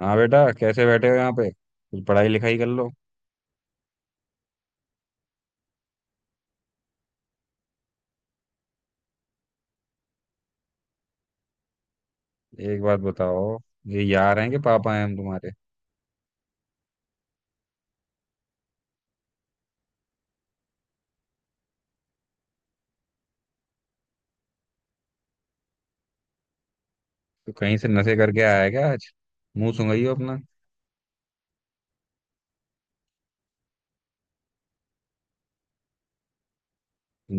हाँ बेटा, कैसे बैठे हो यहाँ पे? कुछ पढ़ाई लिखाई कर लो। एक बात बताओ, ये यार हैं कि पापा हैं हम तुम्हारे? तो कहीं से नशे करके आया है क्या आज? मुंह सुंघाइए अपना।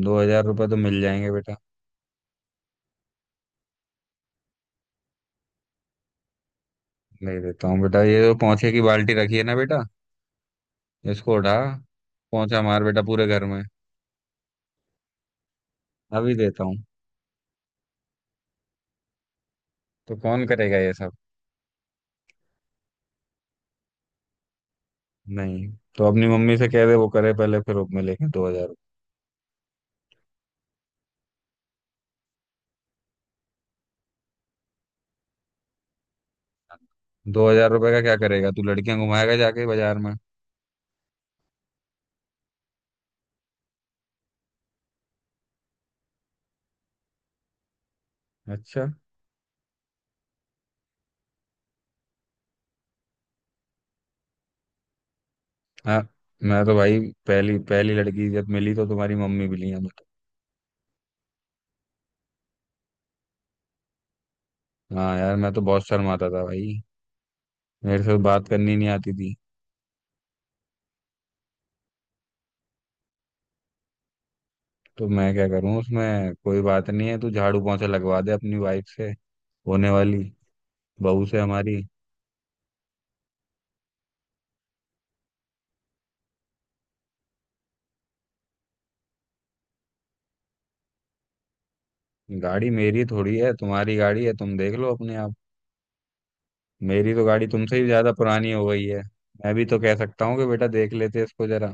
₹2,000 तो मिल जाएंगे बेटा। ले देता हूँ बेटा, ये जो पोंछे की बाल्टी रखी है ना बेटा, इसको उठा, पोंछा मार बेटा पूरे घर में। अभी देता हूँ। तो कौन करेगा ये सब? नहीं, तो अपनी मम्मी से कह दे, वो करे पहले, फिर मिलेंगे 2,000। दो हजार रुपये का क्या करेगा तू? लड़कियां घुमाएगा जाके बाजार में? अच्छा। हाँ, मैं तो भाई, पहली पहली लड़की जब मिली तो तुम्हारी मम्मी मिली है मुझे। हाँ यार, मैं तो बहुत शर्माता था भाई, मेरे से बात करनी नहीं आती थी। तो मैं क्या करूँ, उसमें कोई बात नहीं है। तू झाड़ू पोंछा लगवा दे अपनी वाइफ से, होने वाली बहू से हमारी। गाड़ी मेरी थोड़ी है, तुम्हारी गाड़ी है, तुम देख लो अपने आप। मेरी तो गाड़ी तुमसे ही ज्यादा पुरानी हो गई है। मैं भी तो कह सकता हूँ कि बेटा देख लेते इसको जरा।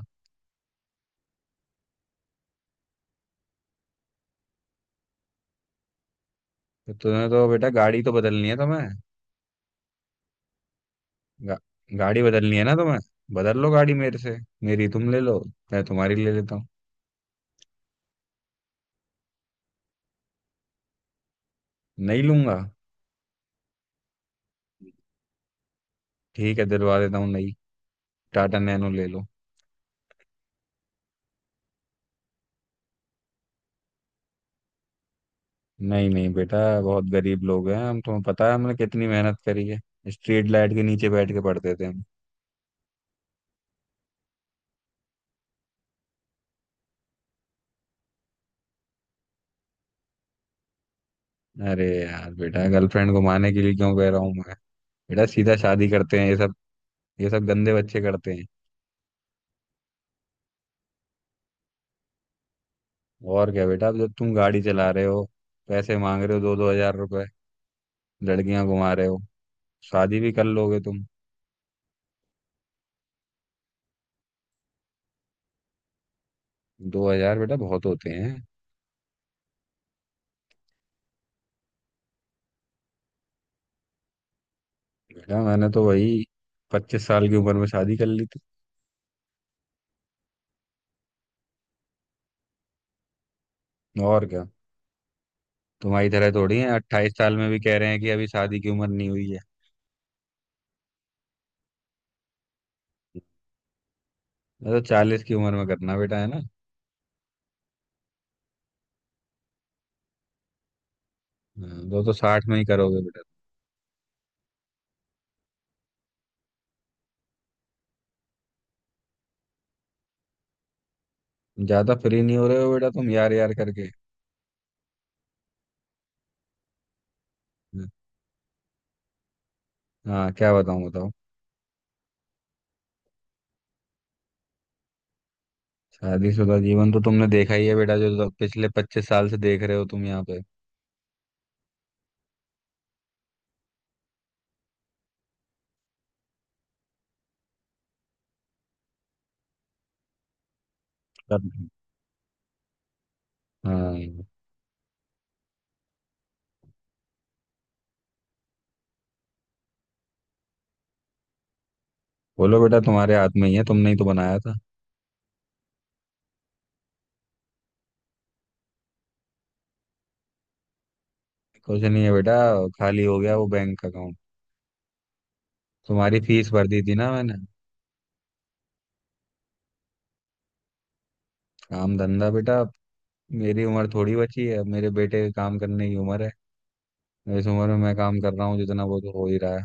तो तुम्हें तो बेटा गाड़ी तो बदलनी है तुम्हें। गा, गाड़ी बदलनी है ना तुम्हें? बदल लो गाड़ी मेरे से, मेरी तुम ले लो, मैं तुम्हारी ले लेता हूँ। नहीं लूंगा? ठीक है, दिलवा देता हूँ। नहीं, टाटा नैनो ले लो। नहीं नहीं बेटा, बहुत गरीब लोग हैं हम, तुम्हें पता है हमने कितनी मेहनत करी है। स्ट्रीट लाइट के नीचे बैठ के पढ़ते थे हम। अरे यार बेटा, गर्लफ्रेंड को मारने के लिए क्यों कह रहा हूँ मैं? बेटा सीधा शादी करते हैं ये सब, ये सब गंदे बच्चे करते हैं। और क्या बेटा, अब जब तुम गाड़ी चला रहे हो, पैसे मांग रहे हो ₹2,000-2,000, लड़कियां घुमा रहे हो, शादी भी कर लोगे तुम। दो हजार बेटा बहुत होते हैं। बेटा मैंने तो वही 25 साल की उम्र में शादी कर ली थी। और क्या, तुम्हारी तरह थोड़ी है, 28 साल में भी कह रहे हैं कि अभी शादी की उम्र नहीं हुई है। मैं तो 40 की उम्र में करना बेटा है ना। हाँ, दो तो 60 में ही करोगे बेटा। ज्यादा फ्री नहीं हो रहे हो बेटा तुम, यार यार करके। हाँ, क्या बताऊं, बताओ। शादीशुदा जीवन तो तुमने देखा ही है बेटा, जो तो पिछले 25 साल से देख रहे हो तुम यहाँ पे। हाँ बोलो बेटा, तुम्हारे हाथ में ही है, तुमने ही तो बनाया था। कुछ नहीं है बेटा, खाली हो गया वो बैंक का। तुम्हारी फीस भर दी थी ना मैंने। काम धंधा बेटा, अब मेरी उम्र थोड़ी बची है। अब मेरे बेटे के काम करने की उम्र है, इस उम्र में मैं काम कर रहा हूँ जितना, वो तो हो ही रहा है।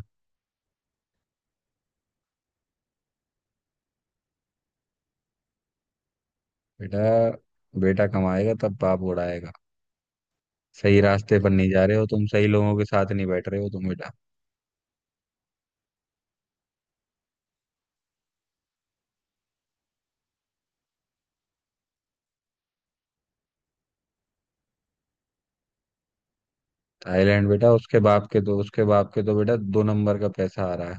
बेटा, बेटा कमाएगा तब बाप उड़ाएगा। सही रास्ते पर नहीं जा रहे हो तुम, सही लोगों के साथ नहीं बैठ रहे हो तुम बेटा। थाईलैंड बेटा, उसके बाप के तो बेटा दो नंबर का पैसा आ रहा है।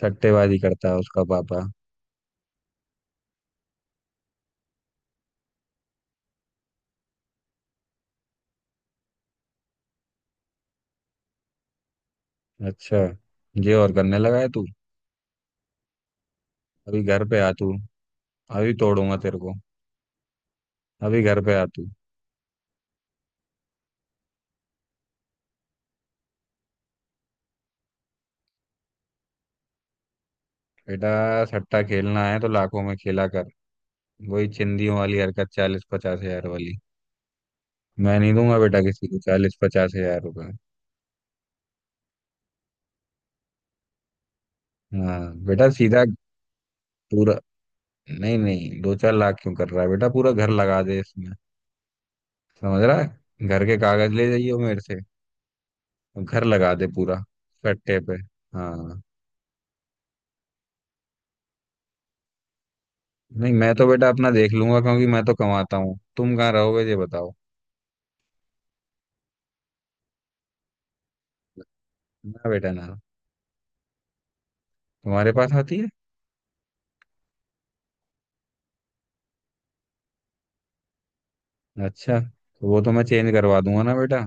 सट्टेबाजी करता है उसका पापा। अच्छा, ये और करने लगा है तू? अभी घर पे आ तू, अभी तोड़ूंगा तेरे को। अभी घर पे आ तू। बेटा, सट्टा खेलना है तो लाखों में खेला कर। वही चिंदियों वाली हरकत, 40-50 हजार वाली। मैं नहीं दूंगा बेटा किसी को ₹40,000-50,000। हाँ बेटा सीधा पूरा, नहीं नहीं, 2-4 लाख क्यों कर रहा है बेटा? पूरा घर लगा दे इसमें, समझ रहा है? घर के कागज ले जाइए मेरे से। और घर लगा दे पूरा सट्टे पे। हाँ, नहीं मैं तो बेटा अपना देख लूंगा, क्योंकि मैं तो कमाता हूँ। तुम कहाँ रहोगे ये बताओ। ना बेटा ना, तुम्हारे पास आती है। अच्छा, तो वो तो मैं चेंज करवा दूंगा ना बेटा।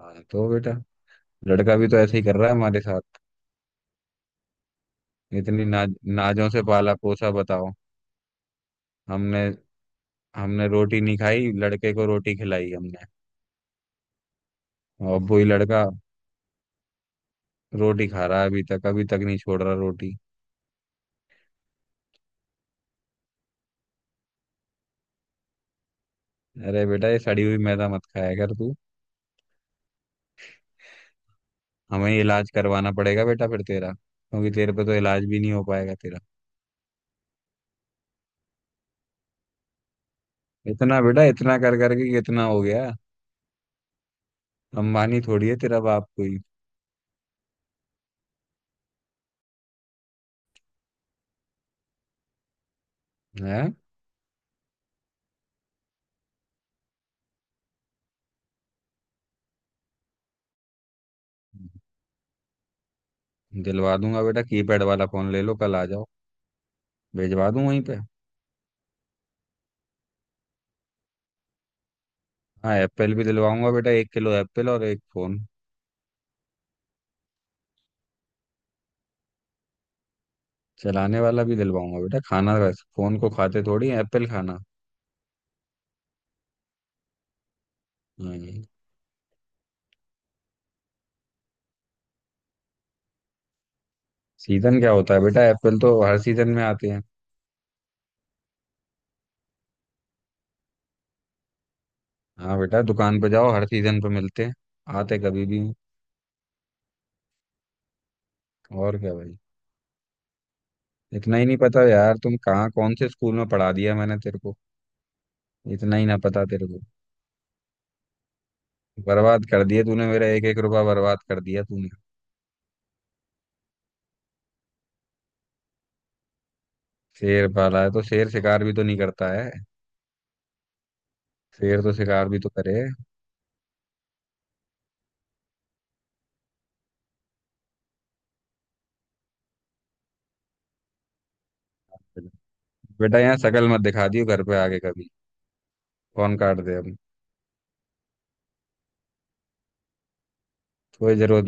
हाँ तो बेटा, लड़का भी तो ऐसे ही कर रहा है हमारे साथ। इतनी नाज नाजों से पाला पोसा, बताओ, हमने। हमने रोटी नहीं खाई, लड़के को रोटी खिलाई हमने। और वही लड़का रोटी खा रहा है अभी तक, अभी तक नहीं छोड़ रहा रोटी। अरे बेटा, ये सड़ी हुई मैदा मत खाया कर तू। हमें ही इलाज करवाना पड़ेगा बेटा फिर तेरा, क्योंकि तेरे पे तो इलाज भी नहीं हो पाएगा तेरा। इतना बेटा, इतना कर करके कितना हो गया? अंबानी थोड़ी है तेरा बाप कोई? है, दिलवा दूंगा बेटा, कीपैड वाला फोन ले लो, कल आ जाओ, भिजवा दूं वहीं पे। हाँ, एप्पल भी दिलवाऊंगा बेटा, एक किलो एप्पल और एक फोन। चलाने वाला भी दिलवाऊंगा बेटा, खाना, वैसे फोन को खाते थोड़ी है, एप्पल खाना। हाँ। सीजन क्या होता है बेटा, एप्पल तो हर सीजन में आते हैं। हाँ बेटा, दुकान पे जाओ, हर सीजन पे मिलते हैं, आते कभी भी हैं। और क्या भाई। इतना ही नहीं पता यार तुम कहाँ कौन से स्कूल में पढ़ा दिया मैंने तेरे को! इतना ही ना पता तेरे को। बर्बाद कर दिया तूने मेरा, एक एक रुपया बर्बाद कर दिया तूने। शेर पाला है तो शेर शिकार भी तो नहीं करता है? शेर तो शिकार भी तो करे। बेटा यहाँ शकल मत दिखा दियो घर पे आके कभी। फोन काट दे अब, कोई जरूरत।